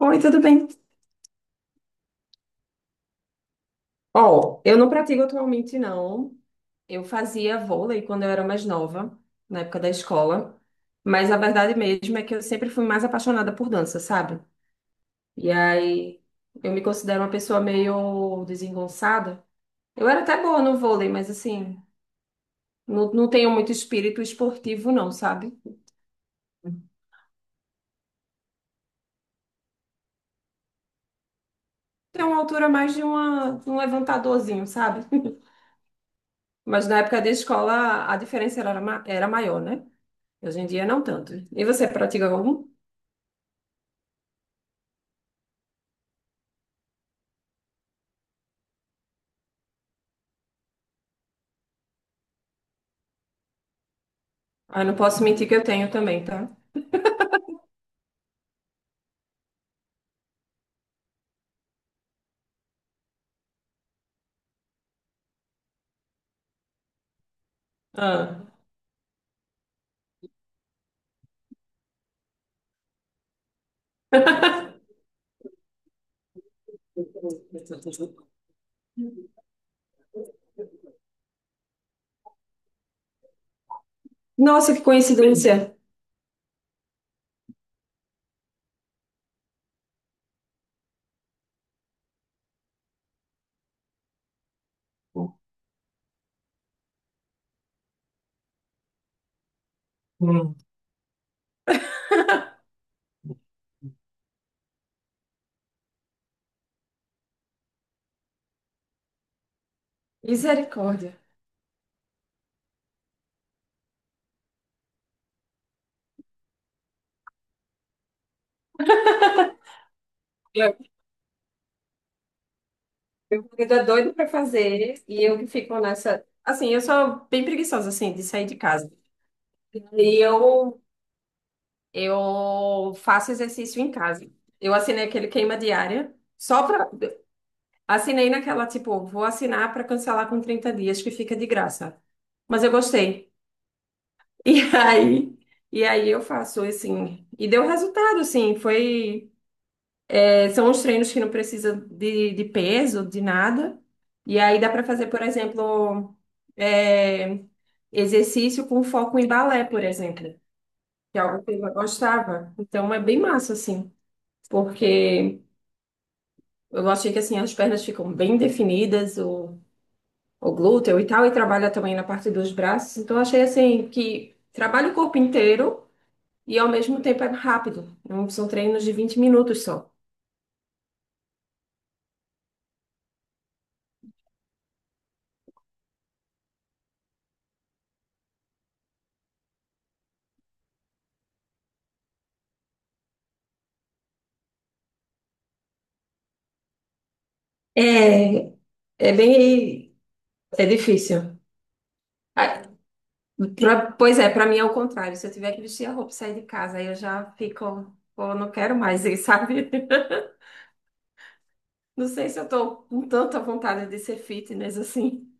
Oi, tudo bem? Ó, eu não pratico atualmente, não. Eu fazia vôlei quando eu era mais nova, na época da escola. Mas a verdade mesmo é que eu sempre fui mais apaixonada por dança, sabe? E aí eu me considero uma pessoa meio desengonçada. Eu era até boa no vôlei, mas assim, não tenho muito espírito esportivo, não, sabe? Tenho uma altura mais de uma, um levantadorzinho, sabe? Mas na época da escola a diferença era, era maior, né? Hoje em dia não tanto. E você pratica algum? Ah, não posso mentir que eu tenho também, tá? Ah. Nossa, que coincidência. Hum. Misericórdia. Eu, meu marido é doido pra fazer e eu que fico nessa. Assim, eu sou bem preguiçosa, assim, de sair de casa. E eu faço exercício em casa. Eu assinei aquele queima diária, só pra. Assinei naquela, tipo, vou assinar pra cancelar com 30 dias, que fica de graça. Mas eu gostei. E aí, e aí eu faço, assim. E deu resultado, assim. Foi. É, são os treinos que não precisam de peso, de nada. E aí dá para fazer, por exemplo, é, exercício com foco em balé, por exemplo, que é algo que eu gostava. Então é bem massa, assim, porque eu achei que assim, as pernas ficam bem definidas, o glúteo e tal, e trabalha também na parte dos braços. Então eu achei assim que trabalha o corpo inteiro e ao mesmo tempo é rápido. Não são treinos de 20 minutos só. É, é bem, é difícil. Ah, pois é, pra mim é o contrário. Se eu tiver que vestir a roupa e sair de casa, aí eu já fico, pô, não quero mais, e sabe? Não sei se eu tô com tanta vontade de ser fitness assim.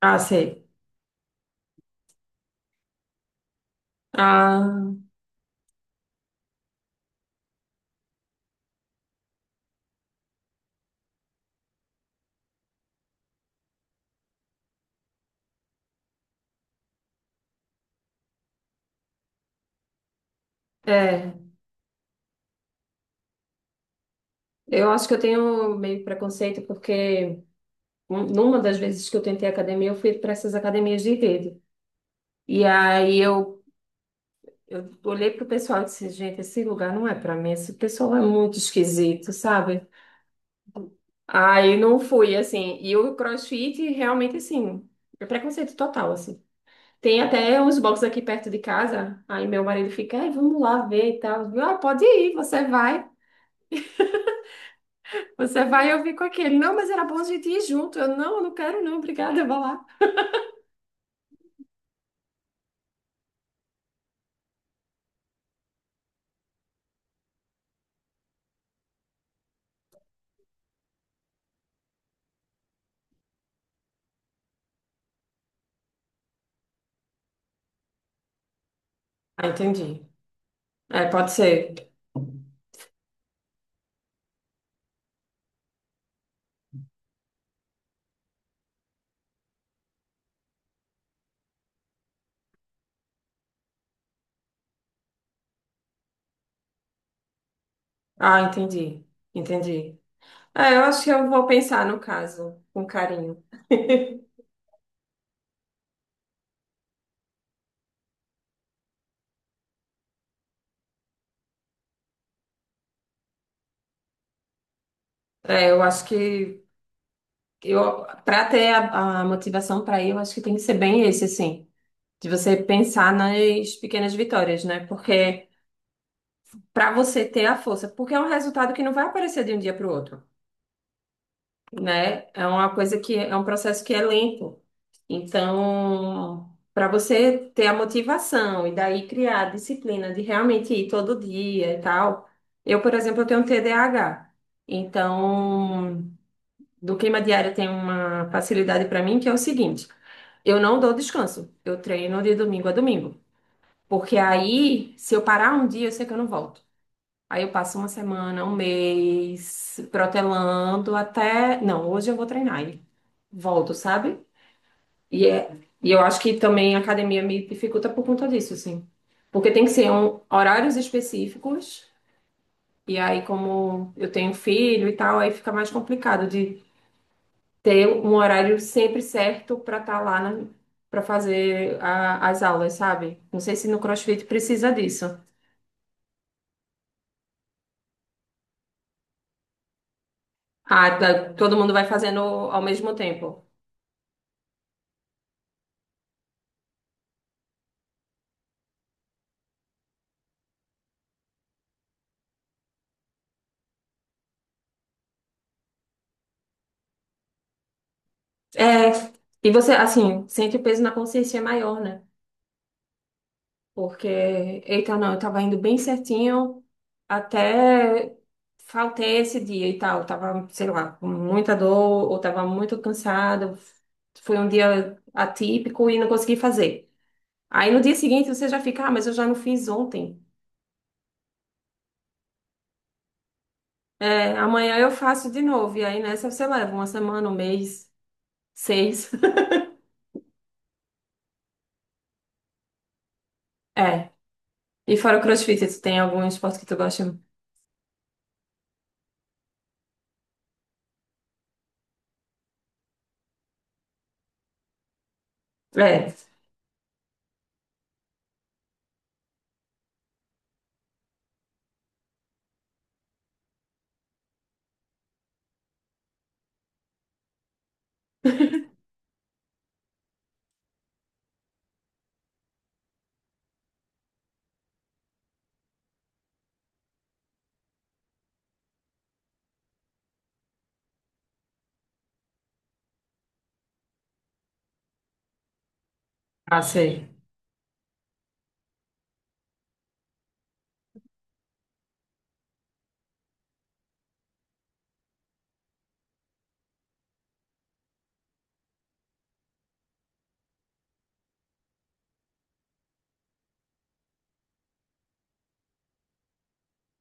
Ah, sei. Ah, é. Eu acho que eu tenho meio preconceito porque numa das vezes que eu tentei academia, eu fui para essas academias de rede. E aí eu olhei pro pessoal e disse, gente, esse lugar não é para mim, esse pessoal é muito esquisito, sabe? Aí não fui, assim. E o CrossFit, realmente, assim, é preconceito total, assim. Tem até uns boxes aqui perto de casa. Aí meu marido fica, "Ai, vamos lá ver e tal." Eu, Ah, pode ir, você vai. Você vai, eu fico aqui. Ele, não, mas era bom a gente ir junto. Eu não quero não, obrigada, vá lá. Ah, entendi. É, pode ser. Ah, entendi. Entendi. É, eu acho que eu vou pensar no caso, com carinho. É, eu acho que eu, para ter a motivação para ir, eu acho que tem que ser bem esse, assim. De você pensar nas pequenas vitórias, né? Porque para você ter a força, porque é um resultado que não vai aparecer de um dia para o outro, né? É uma coisa que é um processo que é lento. Então, para você ter a motivação e daí criar a disciplina de realmente ir todo dia e tal. Eu, por exemplo, eu tenho um TDAH. Então, do queima diária tem uma facilidade para mim que é o seguinte: eu não dou descanso. Eu treino de domingo a domingo. Porque aí, se eu parar um dia, eu sei que eu não volto. Aí eu passo uma semana, um mês, protelando até. Não, hoje eu vou treinar e volto, sabe? E, é... e eu acho que também a academia me dificulta por conta disso, assim. Porque tem que ser um... horários específicos. E aí, como eu tenho filho e tal, aí fica mais complicado de ter um horário sempre certo para estar lá na... para fazer as aulas, sabe? Não sei se no CrossFit precisa disso. Ah, tá- todo mundo vai fazendo ao mesmo tempo. É, e você, assim, sente o peso na consciência maior, né? Porque, eita, não, eu tava indo bem certinho até faltei esse dia e tal. Tava, sei lá, com muita dor ou tava muito cansado. Foi um dia atípico e não consegui fazer. Aí no dia seguinte você já fica, ah, mas eu já não fiz ontem. É, amanhã eu faço de novo. E aí nessa você leva uma semana, um mês, seis. É. E fora o CrossFit, tu tem algum esporte que tu gosta? É, ah, sei.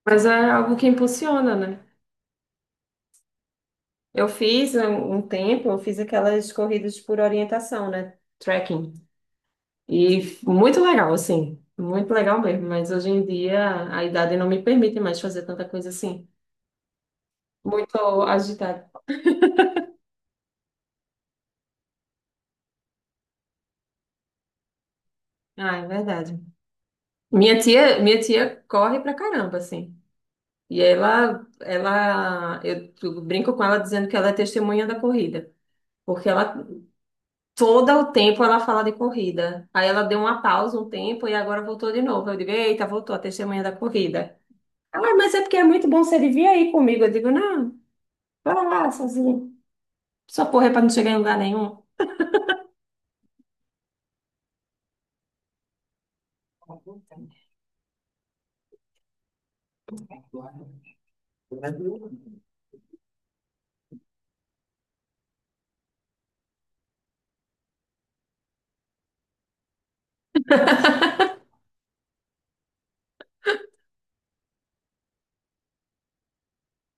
Mas é algo que impulsiona, né? Eu fiz um tempo, eu fiz aquelas corridas por orientação, né? Trekking. Muito legal, assim. Muito legal mesmo. Mas hoje em dia a idade não me permite mais fazer tanta coisa assim. Muito agitada. Ah, é verdade. Minha tia corre pra caramba, assim. E eu brinco com ela dizendo que ela é testemunha da corrida, porque ela todo o tempo ela fala de corrida. Aí ela deu uma pausa um tempo e agora voltou de novo. Eu digo, eita, voltou a testemunha da corrida. Ela, mas é porque é muito bom você vir aí comigo. Eu digo, não, vai lá, sozinho. Só correr para não chegar em lugar nenhum.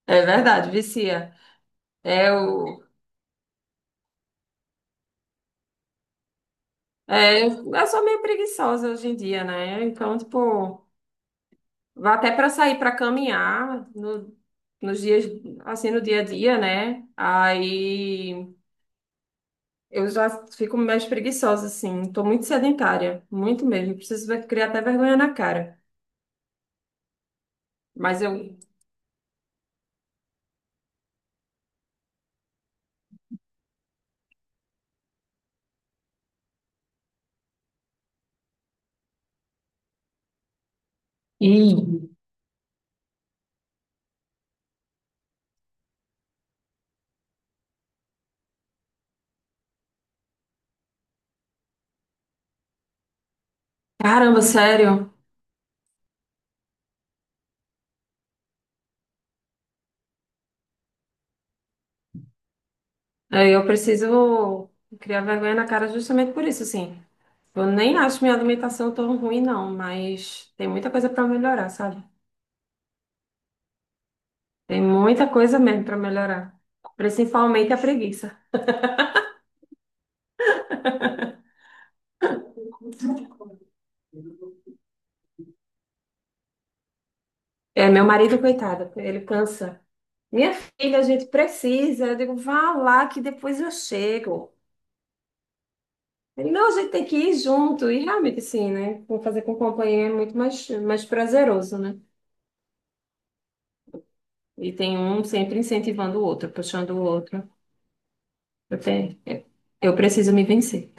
É verdade, vicia. É o. É, eu sou meio preguiçosa hoje em dia, né? Então, tipo, vá até para sair para caminhar nos dias, assim, no dia a dia, né? Aí. Eu já fico mais preguiçosa, assim. Tô muito sedentária, muito mesmo. Preciso criar até vergonha na cara. Mas eu. E caramba, sério. É, eu preciso criar vergonha na cara justamente por isso, assim. Eu nem acho minha alimentação tão ruim, não, mas tem muita coisa para melhorar, sabe? Tem muita coisa mesmo para melhorar. Principalmente a preguiça. É, meu marido, coitado, ele cansa. Minha filha, a gente precisa. Eu digo, vá lá que depois eu chego. Ele, não, a gente tem que ir junto, e realmente sim, né? Fazer com companhia é muito mais, mais prazeroso, né? E tem um sempre incentivando o outro, puxando o outro. Eu tenho, eu preciso me vencer.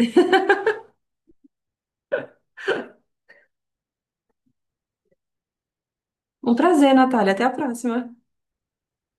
Um prazer, Natália, até a próxima.